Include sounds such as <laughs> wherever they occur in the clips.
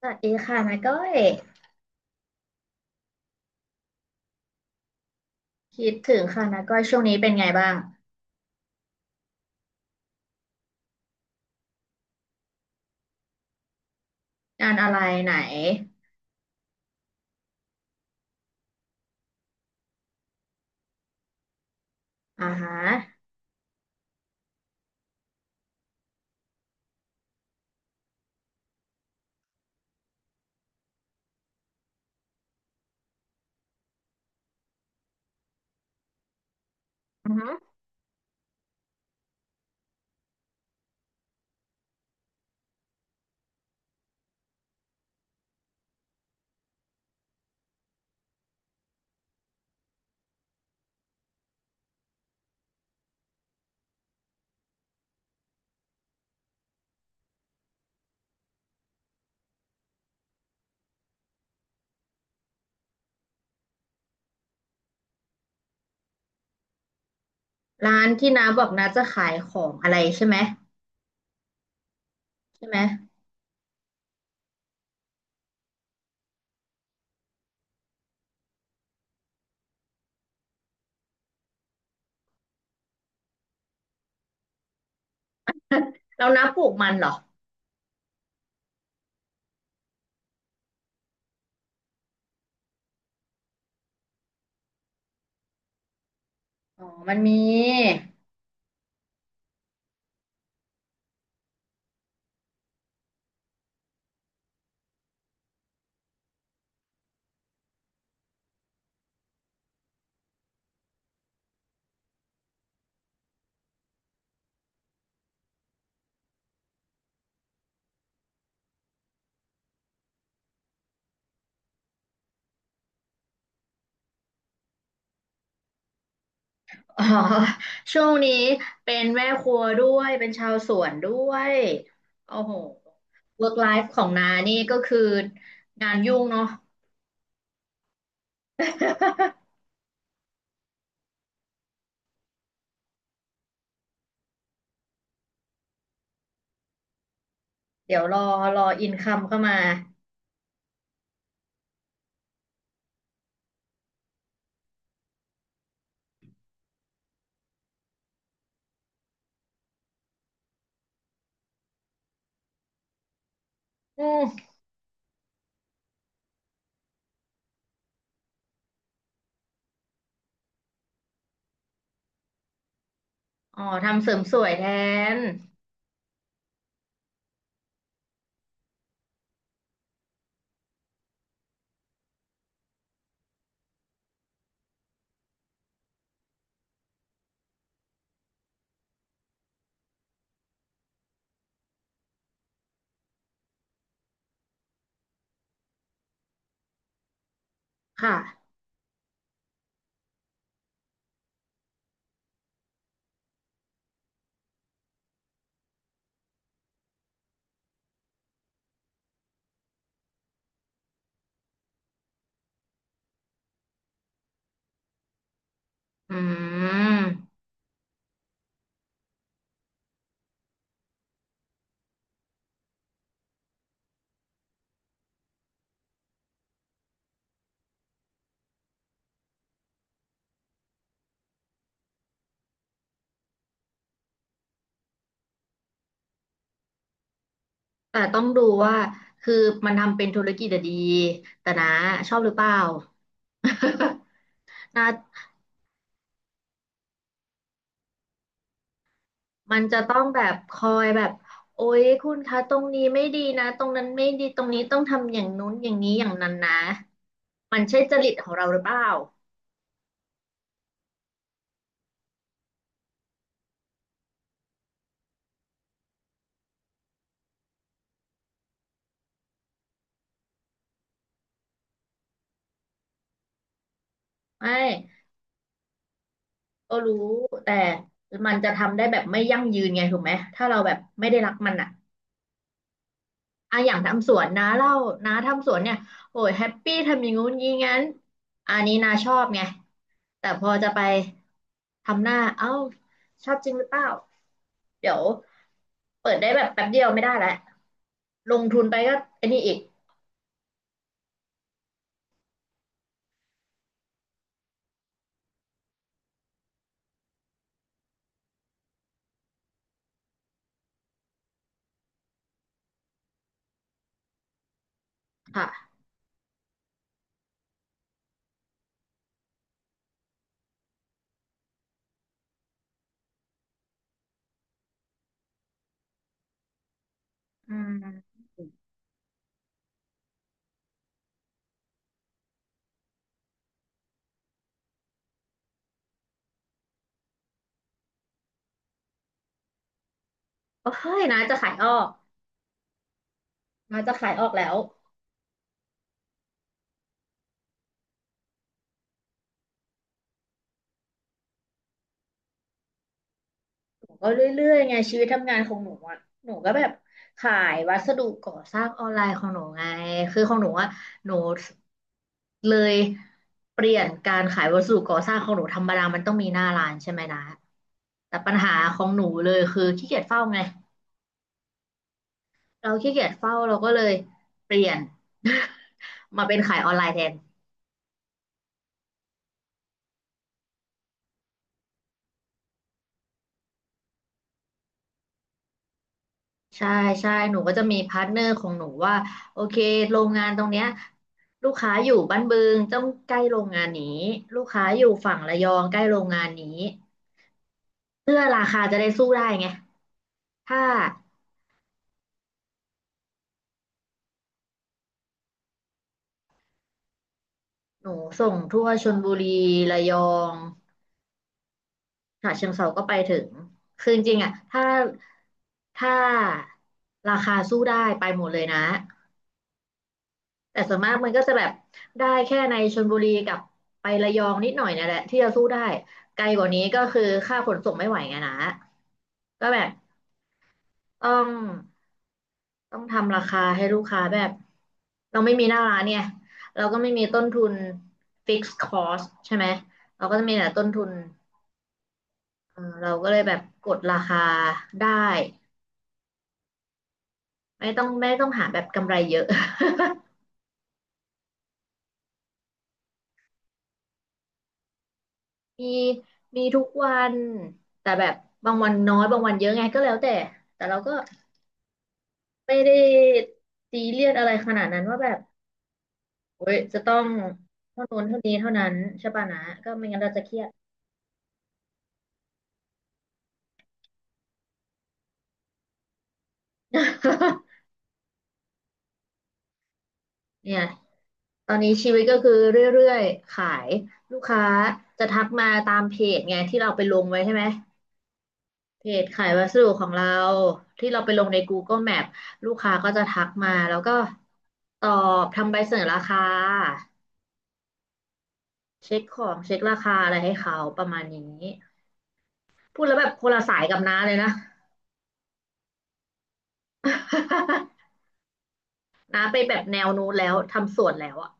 สวัสดีค่ะนาก้อยคิดถึงค่ะนาก้อยช่วงนี้เป็นไงบ้างงานอะไรไหนอ่าฮะอือฮึร้านที่น้าบอกน้าจะขายของอะไรใช่ไหมใช่ไหมแล้วน้าปลูกมันเหรออ๋อมันมีอ๋อช่วงนี้เป็นแม่ครัวด้วยเป็นชาวสวนด้วยโอ้โห work life ของน้านี่ก็คืองานยุ่งเนาะ <laughs> เดี๋ยวรอรออินคัมเข้ามาอืมอ๋อทำเสริมสวยแทน ค่ะอืมแต่ต้องดูว่าคือมันทำเป็นธุรกิจอะดีแต่นะชอบหรือเปล่า <laughs> นะมันจะต้องแบบคอยแบบโอ๊ยคุณคะตรงนี้ไม่ดีนะตรงนั้นไม่ดีตรงนี้ต้องทำอย่างนู้นอย่างนี้อย่างนั้นนะมันใช่จริตของเราหรือเปล่าไม่ก็รู้แต่มันจะทำได้แบบไม่ยั่งยืนไงถูกไหมถ้าเราแบบไม่ได้รักมันอะ อ่ะอย่างทำสวนนะเล่านะทำสวนเนี่ยโอ้ยแฮปปี้ทำอย่างงู้นอย่างงี้งั้นอันนี้นาชอบไงแต่พอจะไปทำหน้าเอ้าชอบจริงหรือเปล่าเดี๋ยวเปิดได้แบบแป๊บเดียวไม่ได้แล้วลงทุนไปก็ไอันนี้อีกค่ะอืมโอ้ยนาจะขายออกนาจะขายออกแล้ว ก็เรื่อยๆไงชีวิตทำงานของหนูอ่ะหนูก็แบบขายวัสดุก่อสร้างออนไลน์ของหนูไงคือของหนูอ่ะหนูเลยเปลี่ยนการขายวัสดุก่อสร้างของหนูธรรมดามันต้องมีหน้าร้านใช่ไหมนะแต่ปัญหาของหนูเลยคือขี้เกียจเฝ้าไงเราขี้เกียจเฝ้าเราก็เลยเปลี่ยน <laughs> มาเป็นขายออนไลน์แทน ใช่ใช่หนูก็จะมีพาร์ทเนอร์ของหนูว่าโอเคโรงงานตรงเนี้ยลูกค้าอยู่บ้านบึงต้องใกล้โรงงานนี้ลูกค้าอยู่ฝั่งระยองใกล้โรงงานนี้เพื่อราคาจะได้สู้ได้ไงถ้าหนูส่งทั่วชลบุรีระยองฉะเชิงเทราก็ไปถึงคือจริงๆอ่ะถ้าถ้าราคาสู้ได้ไปหมดเลยนะ แต่ส่วนมากมันก็จะแบบได้แค่ในชลบุรีกับไประยองนิดหน่อยเนี่ยแหละที่จะสู้ได้ไกลกว่านี้ก็คือค่าขนส่งไม่ไหวไงนะก็แบบต้องต้องทำราคาให้ลูกค้าแบบเราไม่มีหน้าร้านเนี่ยเราก็ไม่มีต้นทุน fixed cost ใช่ไหมเราก็จะมีแต่ต้นทุนเออเราก็เลยแบบกดราคาได้ไม่ต้องไม่ต้องหาแบบกำไรเยอะ <laughs> มีมีทุกวันแต่แบบบางวันน้อยบางวันเยอะไงก็แล้วแต่แต่เราก็ไม่ได้ซีเรียสอะไรขนาดนั้นว่าแบบเว้ยจะต้องเท่านู้นเท่านี้เท่านั้นใช่ป่ะนะก็ไม่งั้นเราจะเครียด <laughs> เนี่ยตอนนี้ชีวิตก็คือเรื่อยๆขายลูกค้าจะทักมาตามเพจไงที่เราไปลงไว้ใช่ไหมเพจขายวัสดุของเราที่เราไปลงใน Google Map ลแมพลูกค้าก็จะทักมาแล้วก็ตอบทำใบเสนอราคา เช็คของเช็คราคาอะไรให้เขาประมาณนี้ พูดแล้วแบบคนละสายกับน้าเลยนะ <laughs> น้าไปแบบแนวนู้นแล้วทำสวนแล้วอ่ะ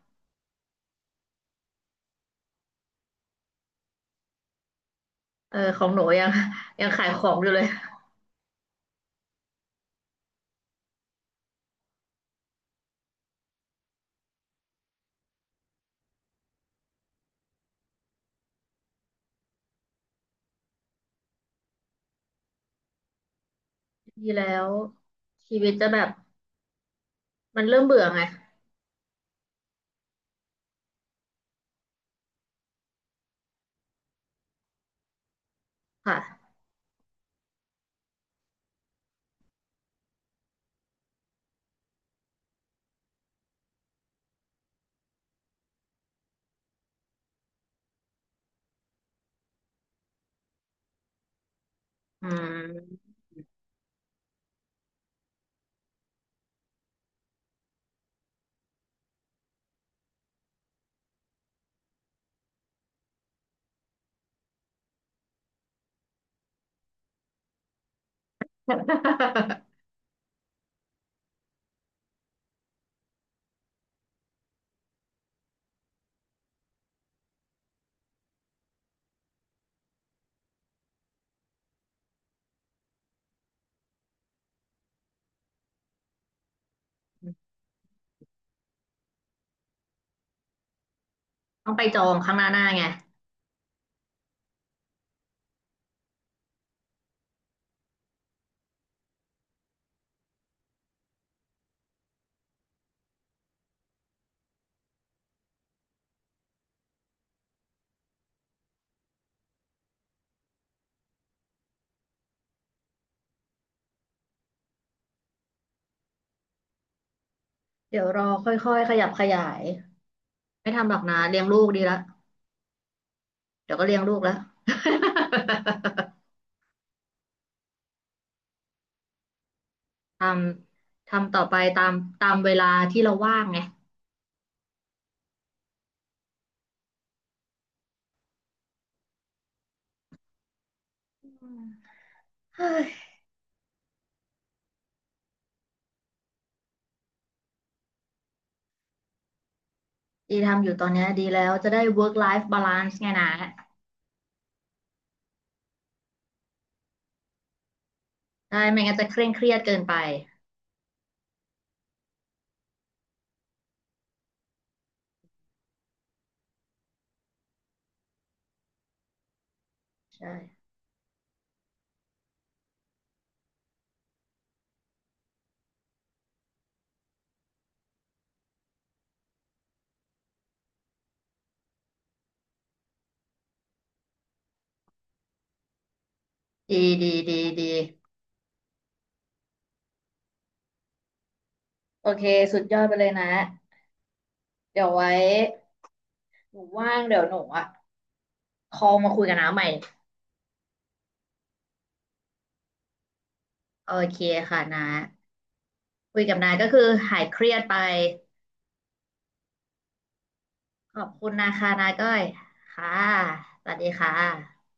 เออของหนูยัง <laughs> ยังขายของอยู่เลย <laughs> ดีแล้วชีวิตจะแบบมันเริ่มเบื่อไงค่ะอืม <laughs> ต้องไปจองข้างหน้าหน้าไงเดี๋ยวรอค่อยๆขยับขยายไม่ทำหรอกนะเลี้ยงลูกดีละเดี๋ยวก็เลี้ยงลูกแล้ว <laughs> ททำต่อไปตามตามเวลาที่เราว่างไงอืม เฮ้ยดีทำอยู่ตอนเนี้ยดีแล้วจะได้ work life balance ไงนะใช่ไม่งั้นจะเคร่งเครียดเกินไปใช่ดีดีดีดีโอเคสุดยอดไปเลยนะเดี๋ยวไว้หนูว่างเดี๋ยวหนูอ่ะคอลมาคุยกับน้าใหม่โอเคค่ะนะคุยกับนายก็คือหายเครียดไปขอบคุณนะคะนาก้อยค่ะสวัสดีค่ะ